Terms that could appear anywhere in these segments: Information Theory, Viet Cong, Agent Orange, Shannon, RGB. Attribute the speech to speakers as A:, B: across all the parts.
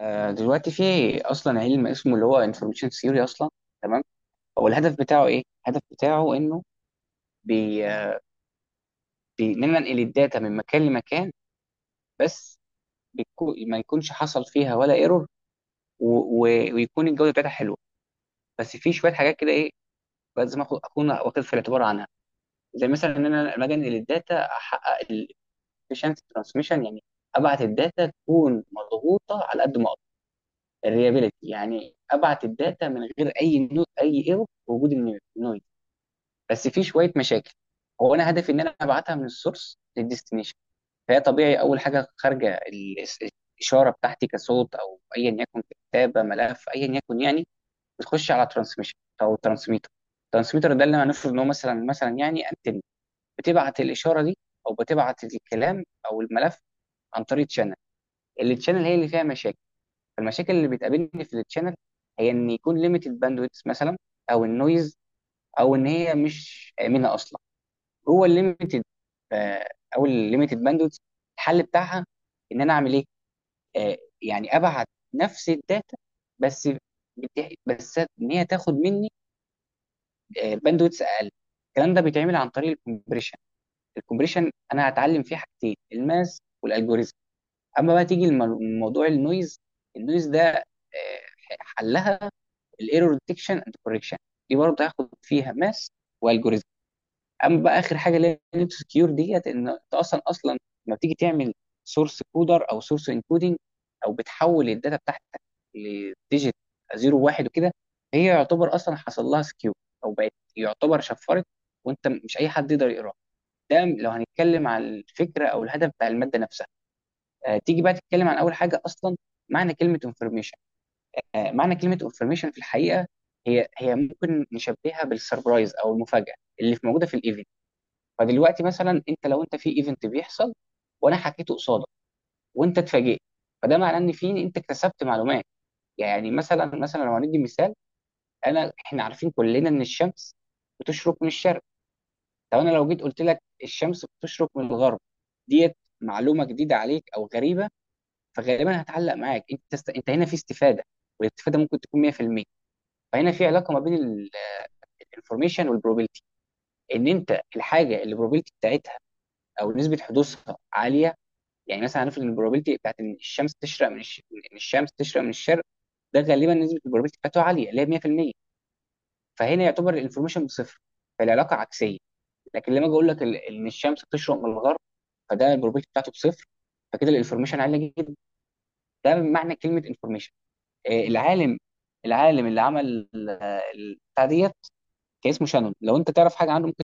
A: دلوقتي في اصلا علم اسمه اللي هو انفورميشن ثيوري اصلا. تمام. هو الهدف بتاعه ايه؟ الهدف بتاعه انه بي... آه، بننقل الداتا من مكان لمكان بس. ما يكونش حصل فيها ولا ايرور و... و... ويكون الجوده بتاعتها حلوه. بس في شويه حاجات كده، ايه لازم اكون واخد في الاعتبار عنها؟ زي مثلا ان انا لما أجي انقل الداتا احقق الافشنسي ترانسميشن، يعني ابعت الداتا تكون مضغوطه على قد ما اقدر. الريابيليتي، يعني ابعت الداتا من غير اي ايرور وجود النويز. بس في شويه مشاكل. هو انا هدفي ان انا ابعتها من السورس للديستنيشن. فهي طبيعي، اول حاجه خارجه الاشاره بتاعتي كصوت او ايا يكن، كتابه ملف ايا يكن يعني، بتخش على ترانسميشن او ترانسميتر. الترانسميتر ده اللي هنفرض ان هو مثلا يعني انتن، بتبعت الاشاره دي او بتبعت الكلام او الملف عن طريق تشانل. التشانل هي اللي فيها مشاكل. فالمشاكل اللي بتقابلني في التشانل هي ان يكون ليميتد باندويث مثلا، او النويز، او ان هي مش امنه اصلا. جوه الليميتد، آه، او الليميتد باندوت، الحل بتاعها ان انا اعمل ايه؟ يعني ابعت نفس الداتا، بس بس ان هي تاخد مني باندوتس اقل. الكلام ده بيتعمل عن طريق الكومبريشن. الكومبريشن انا هتعلم فيه حاجتين، الماس والالجوريزم. اما بقى تيجي موضوع النويز، النويز ده حلها الايرور ديتكشن اند كوركشن. دي برضه هاخد فيها ماس والجوريزم. اما بقى اخر حاجه اللي هي نيم سكيور ديت، ان انت اصلا اصلا لما بتيجي تعمل سورس كودر او سورس انكودنج، او بتحول الداتا بتاعتك لديجيت 0 1 وكده، هي يعتبر اصلا حصل لها سكيور، او بقت يعتبر شفرت، وانت مش اي حد يقدر يقراها. ده لو هنتكلم عن الفكره او الهدف بتاع الماده نفسها. تيجي بقى تتكلم عن اول حاجه اصلا، معنى كلمه انفورميشن. معنى كلمه انفورميشن في الحقيقه، هي ممكن نشبهها بالسربرايز او المفاجاه اللي في موجوده في الايفنت. فدلوقتي مثلا انت، لو انت في ايفنت بيحصل وانا حكيته قصادك وانت اتفاجئت، فده معناه ان في، انت اكتسبت معلومات. يعني مثلا لو هندي مثال، انا، احنا عارفين كلنا ان الشمس بتشرق من الشرق. طب انا لو جيت قلت لك الشمس بتشرق من الغرب، ديت معلومه جديده عليك او غريبه، فغالبا هتعلق معاك. انت انت هنا في استفاده، والاستفاده ممكن تكون 100%. فهنا في علاقه ما بين الانفورميشن والبروبابيلتي، ان انت الحاجه اللي البروبابيلتي بتاعتها او نسبه حدوثها عاليه. يعني مثلا هنفرض ان البروبابيلتي بتاعت ان الشمس تشرق من ان الشمس تشرق من الشرق، ده غالبا نسبه البروبابيلتي بتاعته عاليه، اللي هي 100%. فهنا يعتبر الانفورميشن بصفر، فالعلاقه عكسيه. لكن لما اجي اقول لك ان الشمس بتشرق من الغرب، فده البروبابيلتي بتاعته بصفر، فكده الانفورميشن عاليه جدا. ده معنى كلمه انفورميشن. العالم، العالم اللي عمل البتاع ديت كان اسمه شانون. لو انت تعرف حاجه عنه ممكن،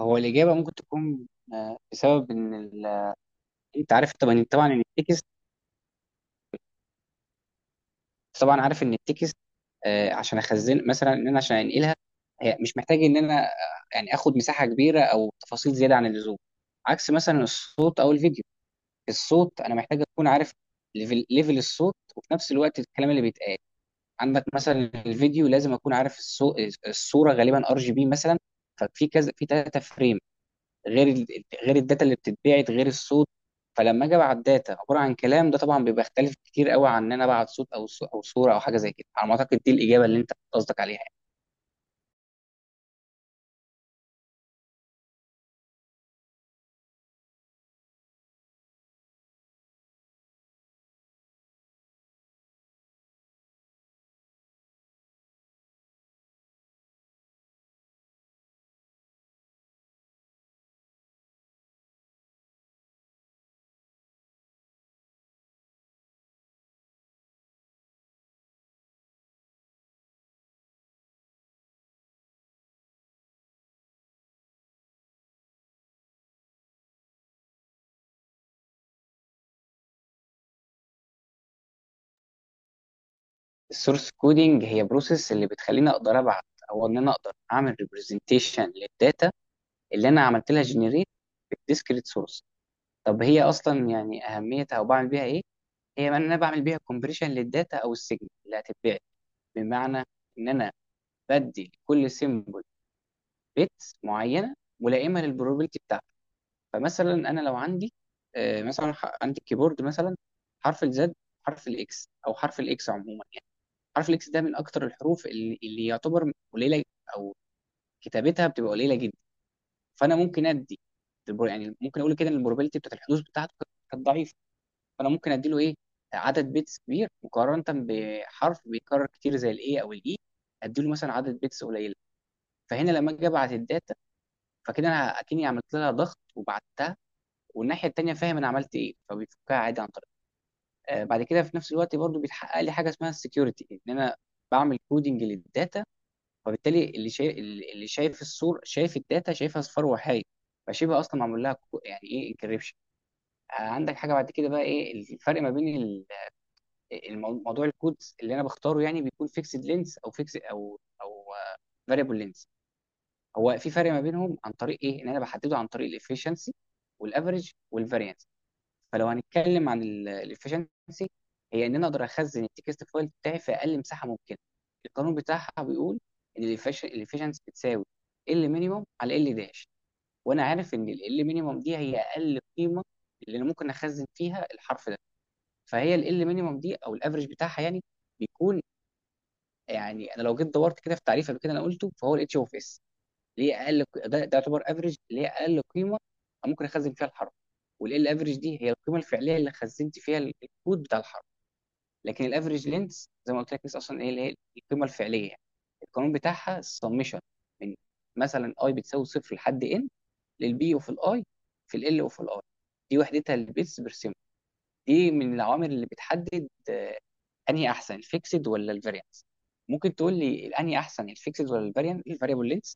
A: هو الاجابه ممكن تكون، بسبب ان انت عارف طبعا ان التكست، طبعا عارف ان التكست، عشان اخزن مثلا، ان انا عشان انقلها، هي مش محتاج ان انا يعني اخد مساحه كبيره او تفاصيل زياده عن اللزوم، عكس مثلا الصوت او الفيديو. الصوت انا محتاج اكون عارف ليفل الصوت، وفي نفس الوقت الكلام اللي بيتقال عندك مثلا. الفيديو لازم اكون عارف الصوره، غالبا ار جي بي مثلا، ففي كذا، في ثلاثه فريم، غير غير الداتا اللي بتتبعت، غير الصوت. فلما اجي ابعت داتا عباره عن كلام، ده طبعا بيبقى اختلف كتير قوي عن ان انا ابعت صوت، او او صوره او حاجه زي كده. على ما اعتقد دي الاجابه اللي انت قصدك عليها يعني. السورس كودينج هي بروسيس اللي بتخليني اقدر ابعت، او ان انا اقدر اعمل ريبرزنتيشن للداتا اللي انا عملت لها جنريت بالديسكريت سورس. طب هي اصلا يعني اهميتها او بعمل بيها ايه؟ هي ان انا بعمل بيها كومبريشن للداتا او السيجنال اللي هتتبعت، بمعنى ان انا بدي كل سيمبل بيتس معينه ملائمه للبروبابيلتي بتاعتك. فمثلا انا لو عندي، مثلا عندي الكيبورد مثلا، حرف الزد، حرف الاكس، او حرف الاكس عموما يعني. حرف الاكس ده من اكتر الحروف اللي يعتبر قليله، او كتابتها بتبقى قليله جدا. فانا ممكن ادي يعني ممكن اقول كده ان البروبابيلتي بتاعت الحدوث بتاعته كانت ضعيفه، فانا ممكن ادي له ايه؟ عدد بيتس كبير، مقارنه بحرف بيتكرر كتير زي الاي، او الاي ادي له مثلا عدد بيتس قليله. فهنا لما اجي ابعت الداتا، فكده انا اكني عملت لها ضغط وبعتها، والناحيه التانيه فاهم انا عملت ايه، فبيفكها عادي عن طريق. آه، بعد كده في نفس الوقت برضو بيتحقق لي حاجه اسمها السكيورتي، ان انا بعمل كودنج للداتا، فبالتالي اللي شايف، اللي شايف الصور شايف الداتا، شايفها اصفار وحايد، فشبه اصلا معمول لها يعني ايه، انكريبشن. عندك حاجه بعد كده، بقى ايه الفرق ما بين موضوع الكود اللي انا بختاره؟ يعني بيكون فيكسد لينس، او فيكس او فاريبل لينس. هو في فرق ما بينهم عن طريق ايه؟ ان انا بحدده عن طريق الافشنسي والافريج والفاريانس. فلو هنتكلم عن الافشنسي، هي ان انا اقدر اخزن التكست فايل بتاعي في اقل مساحه ممكنه. القانون بتاعها بيقول ان الافشنسي بتساوي ال مينيموم على ال داش. وانا عارف ان ال مينيموم دي هي اقل قيمه اللي انا ممكن اخزن فيها الحرف ده. فهي ال مينيموم دي او الافريج بتاعها يعني بيكون، يعني انا لو جيت دورت كده في تعريف قبل كده انا قلته، فهو الاتش اوف اس. ليه اقل ده يعتبر افريج ليه اقل قيمه أنا ممكن اخزن فيها الحرف. والال افريج دي هي القيمه الفعليه اللي خزنت فيها الكود بتاع الحرف. لكن الافريج لينث زي ما قلت لك لسه اصلا ايه، اللي هي القيمه الفعليه يعني. القانون بتاعها السمشن من مثلا اي بتساوي صفر لحد ان للبي وفي الاي، في ال وفي الاي. دي وحدتها البيتس بير سيمبل. دي من العوامل اللي بتحدد انهي احسن، الفيكسد ولا الفاريانس. ممكن تقول لي الانهي احسن، الفيكسد ولا الفاريانت، الفاريبل لينث؟